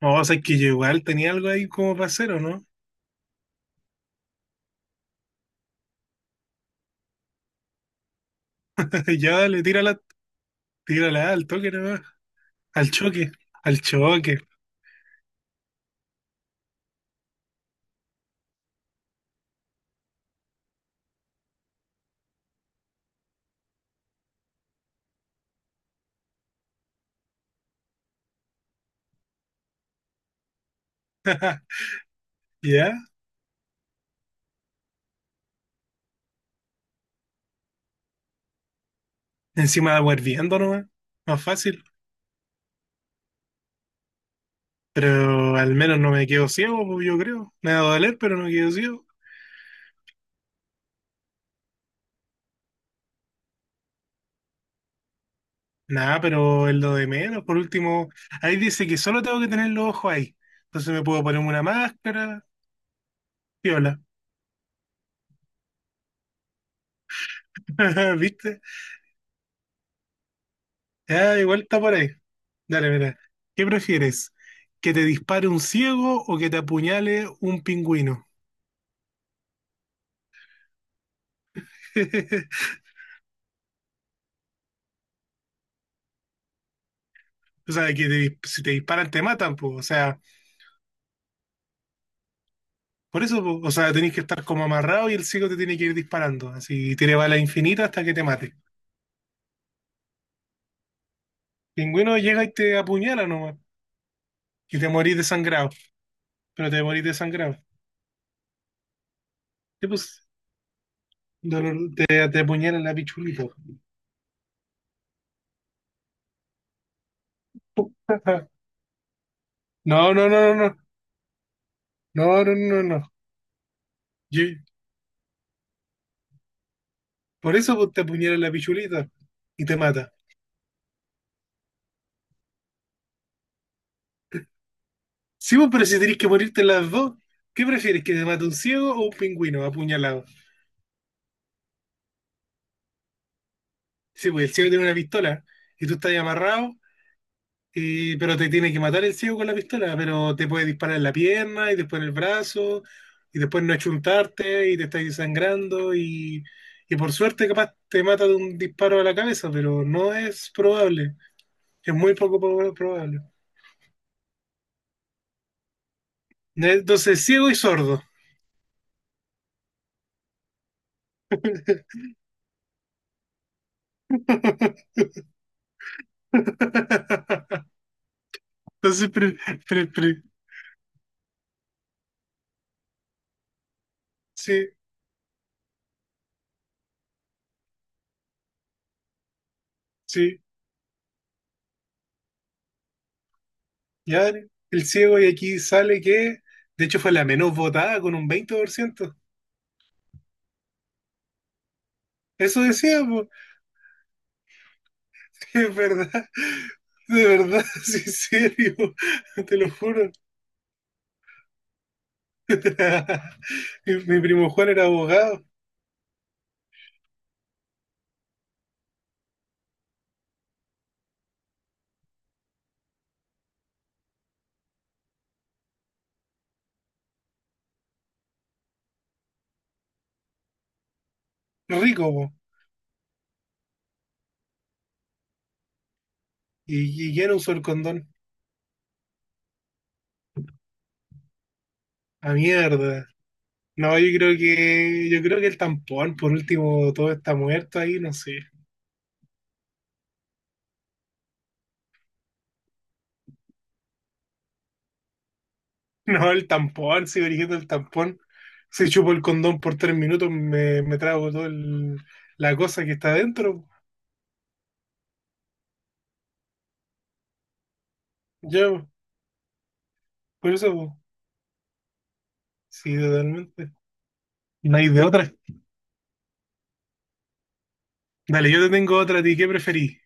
No, o sea, es que yo igual tenía algo ahí como para hacer, ¿o no? Ya dale, tírala, tírala ah, al toque nomás. Al choque, al choque. ¿Ya? Encima de agua hirviendo nomás. Más fácil. Pero al menos no me quedo ciego, pues, yo creo. Me va a doler, pero no quedo ciego. Nada, pero es lo de menos. Por último, ahí dice que solo tengo que tener los ojos ahí. Entonces me puedo poner una máscara, piola. ¿Viste? Ah, igual está por ahí. Dale, mira. ¿Qué prefieres? ¿Que te dispare un ciego o que te apuñale un pingüino? O sea, que si te disparan te matan, pues. O sea, por eso, po. O sea, tenés que estar como amarrado y el ciego te tiene que ir disparando. Así, tiene bala infinita hasta que te mate. Pingüino llega y te apuñala nomás. Y te morís desangrado. Pero te morís desangrado. Y pues, te apuñala en la pichulita. No, no, no, no, no. No, no, no, no. Yo- Por eso pues, te apuñala la pichulita y te mata. Sí, pues, pero si tenés que morirte en las dos, ¿qué prefieres? ¿Que te mate un ciego o un pingüino apuñalado? Sí, pues el ciego tiene una pistola y tú estás ahí amarrado, pero te tiene que matar el ciego con la pistola, pero te puede disparar en la pierna y después en el brazo y después no achuntarte y te estás sangrando y por suerte capaz te mata de un disparo a la cabeza, pero no es probable, es muy poco probable. Entonces, ciego y sordo. Entonces, pre- pre- sí, sí, ya el ciego, y aquí sale que, de hecho, fue la menos votada con un 20%. Eso decía, po. Es verdad, de verdad, sí, en serio, te lo juro. Mi primo Juan era abogado, rico, po, y ya no usó el condón. A mierda. No, yo creo que el tampón, por último, todo está muerto ahí, no sé. No, el tampón, sigo eligiendo el tampón. Si chupo el condón por 3 minutos, me trago toda la cosa que está adentro. Yo, por eso, po. Sí, totalmente. No hay de otra. Dale, yo te tengo otra. ¿A ti qué preferís?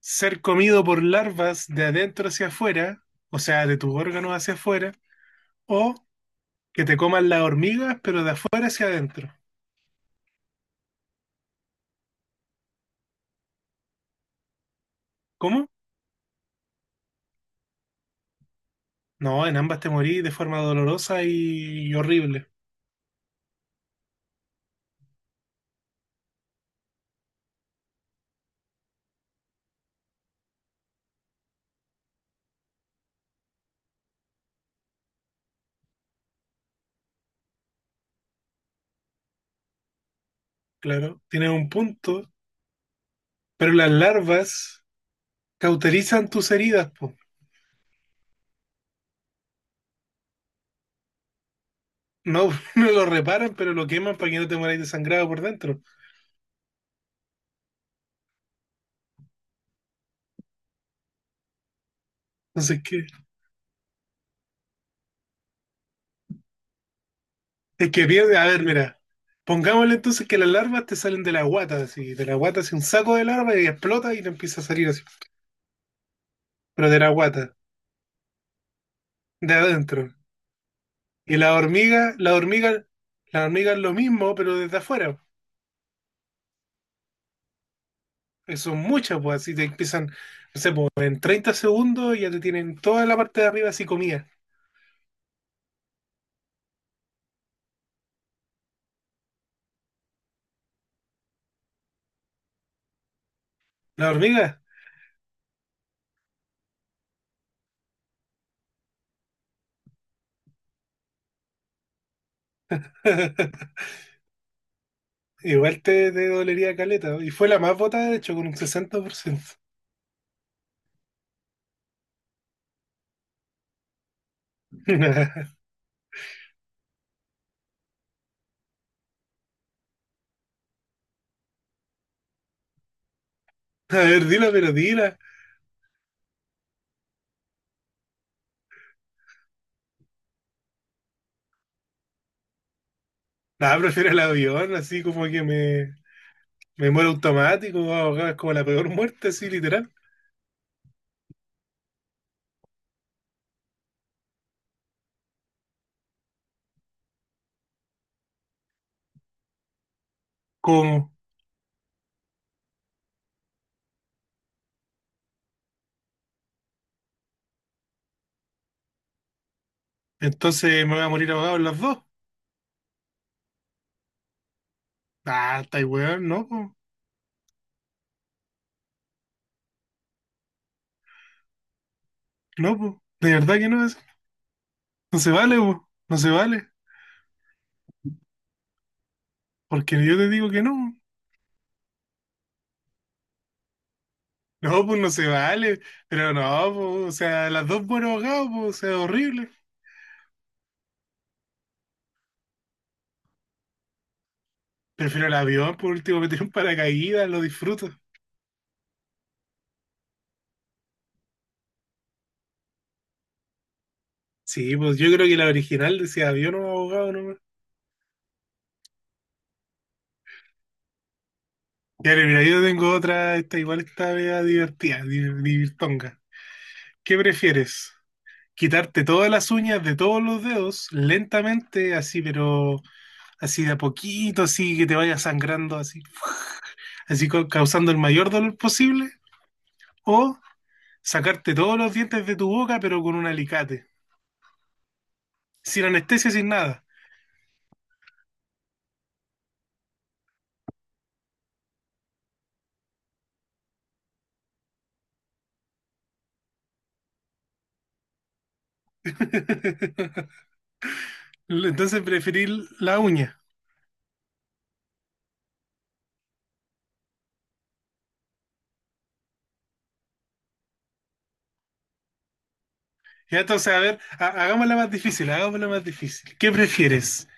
¿Ser comido por larvas de adentro hacia afuera, o sea, de tus órganos hacia afuera, o que te coman las hormigas, pero de afuera hacia adentro? ¿Cómo? No, en ambas te morís de forma dolorosa y horrible. Claro, tienes un punto, pero las larvas cauterizan tus heridas, po. No, no lo reparan, pero lo queman para que no te mueras desangrado por dentro. Entonces, ¿qué? Es que pierde. A ver, mira. Pongámosle entonces que las larvas te salen de la guata, así. De la guata, así un saco de larvas y explota y te empieza a salir así. Pero de la guata, de adentro. Y la hormiga es lo mismo, pero desde afuera. Que son muchas, pues así te empiezan, no sé, pues, en 30 segundos ya te tienen toda la parte de arriba así comida. La hormiga. Igual te dolería caleta, ¿no? Y fue la más votada, de hecho, con un 60%. A ver, dila, pero dila. Nada, prefiero el avión, así como que me muero automático, ahogado, es como la peor muerte, así, literal. ¿Cómo? Entonces me voy a morir ahogado en las dos. Ah, está weón, no, po. No, po. De verdad que no es. No se vale, po. No se vale. Porque yo te digo que no. No, pues no se vale. Pero no, po. O sea, las dos muero ahogado, po. O sea, horrible. Prefiero el avión, por último, meter un paracaídas, lo disfruto. Sí, pues yo creo que la original decía avión o abogado nomás. Ya, mira, yo tengo otra, esta igual está media divertida, divirtonga. ¿Qué prefieres? ¿Quitarte todas las uñas de todos los dedos lentamente, así, pero así de a poquito, así que te vaya sangrando, así, así causando el mayor dolor posible? ¿O sacarte todos los dientes de tu boca, pero con un alicate? Sin anestesia, sin nada. Entonces preferir la uña. Ya, entonces, a ver, hagámosla más difícil, hagámosla más difícil. ¿Qué prefieres?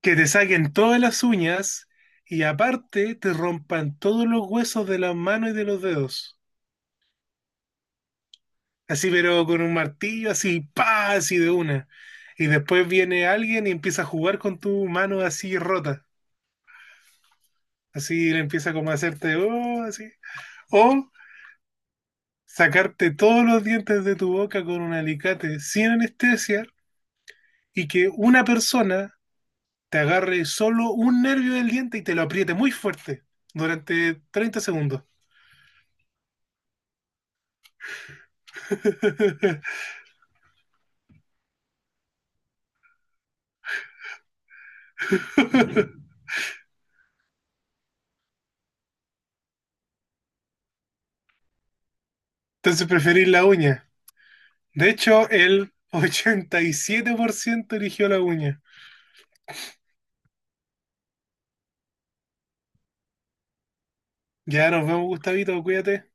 ¿Que te saquen todas las uñas y aparte te rompan todos los huesos de las manos y de los dedos? Así, pero con un martillo, así, pa, así de una. Y después viene alguien y empieza a jugar con tu mano así rota. Así le empieza como a hacerte, oh, así. O sacarte todos los dientes de tu boca con un alicate sin anestesia y que una persona te agarre solo un nervio del diente y te lo apriete muy fuerte durante 30 segundos. Entonces preferís la uña. De hecho, el 87% eligió la uña. Ya nos vemos, Gustavito, cuídate.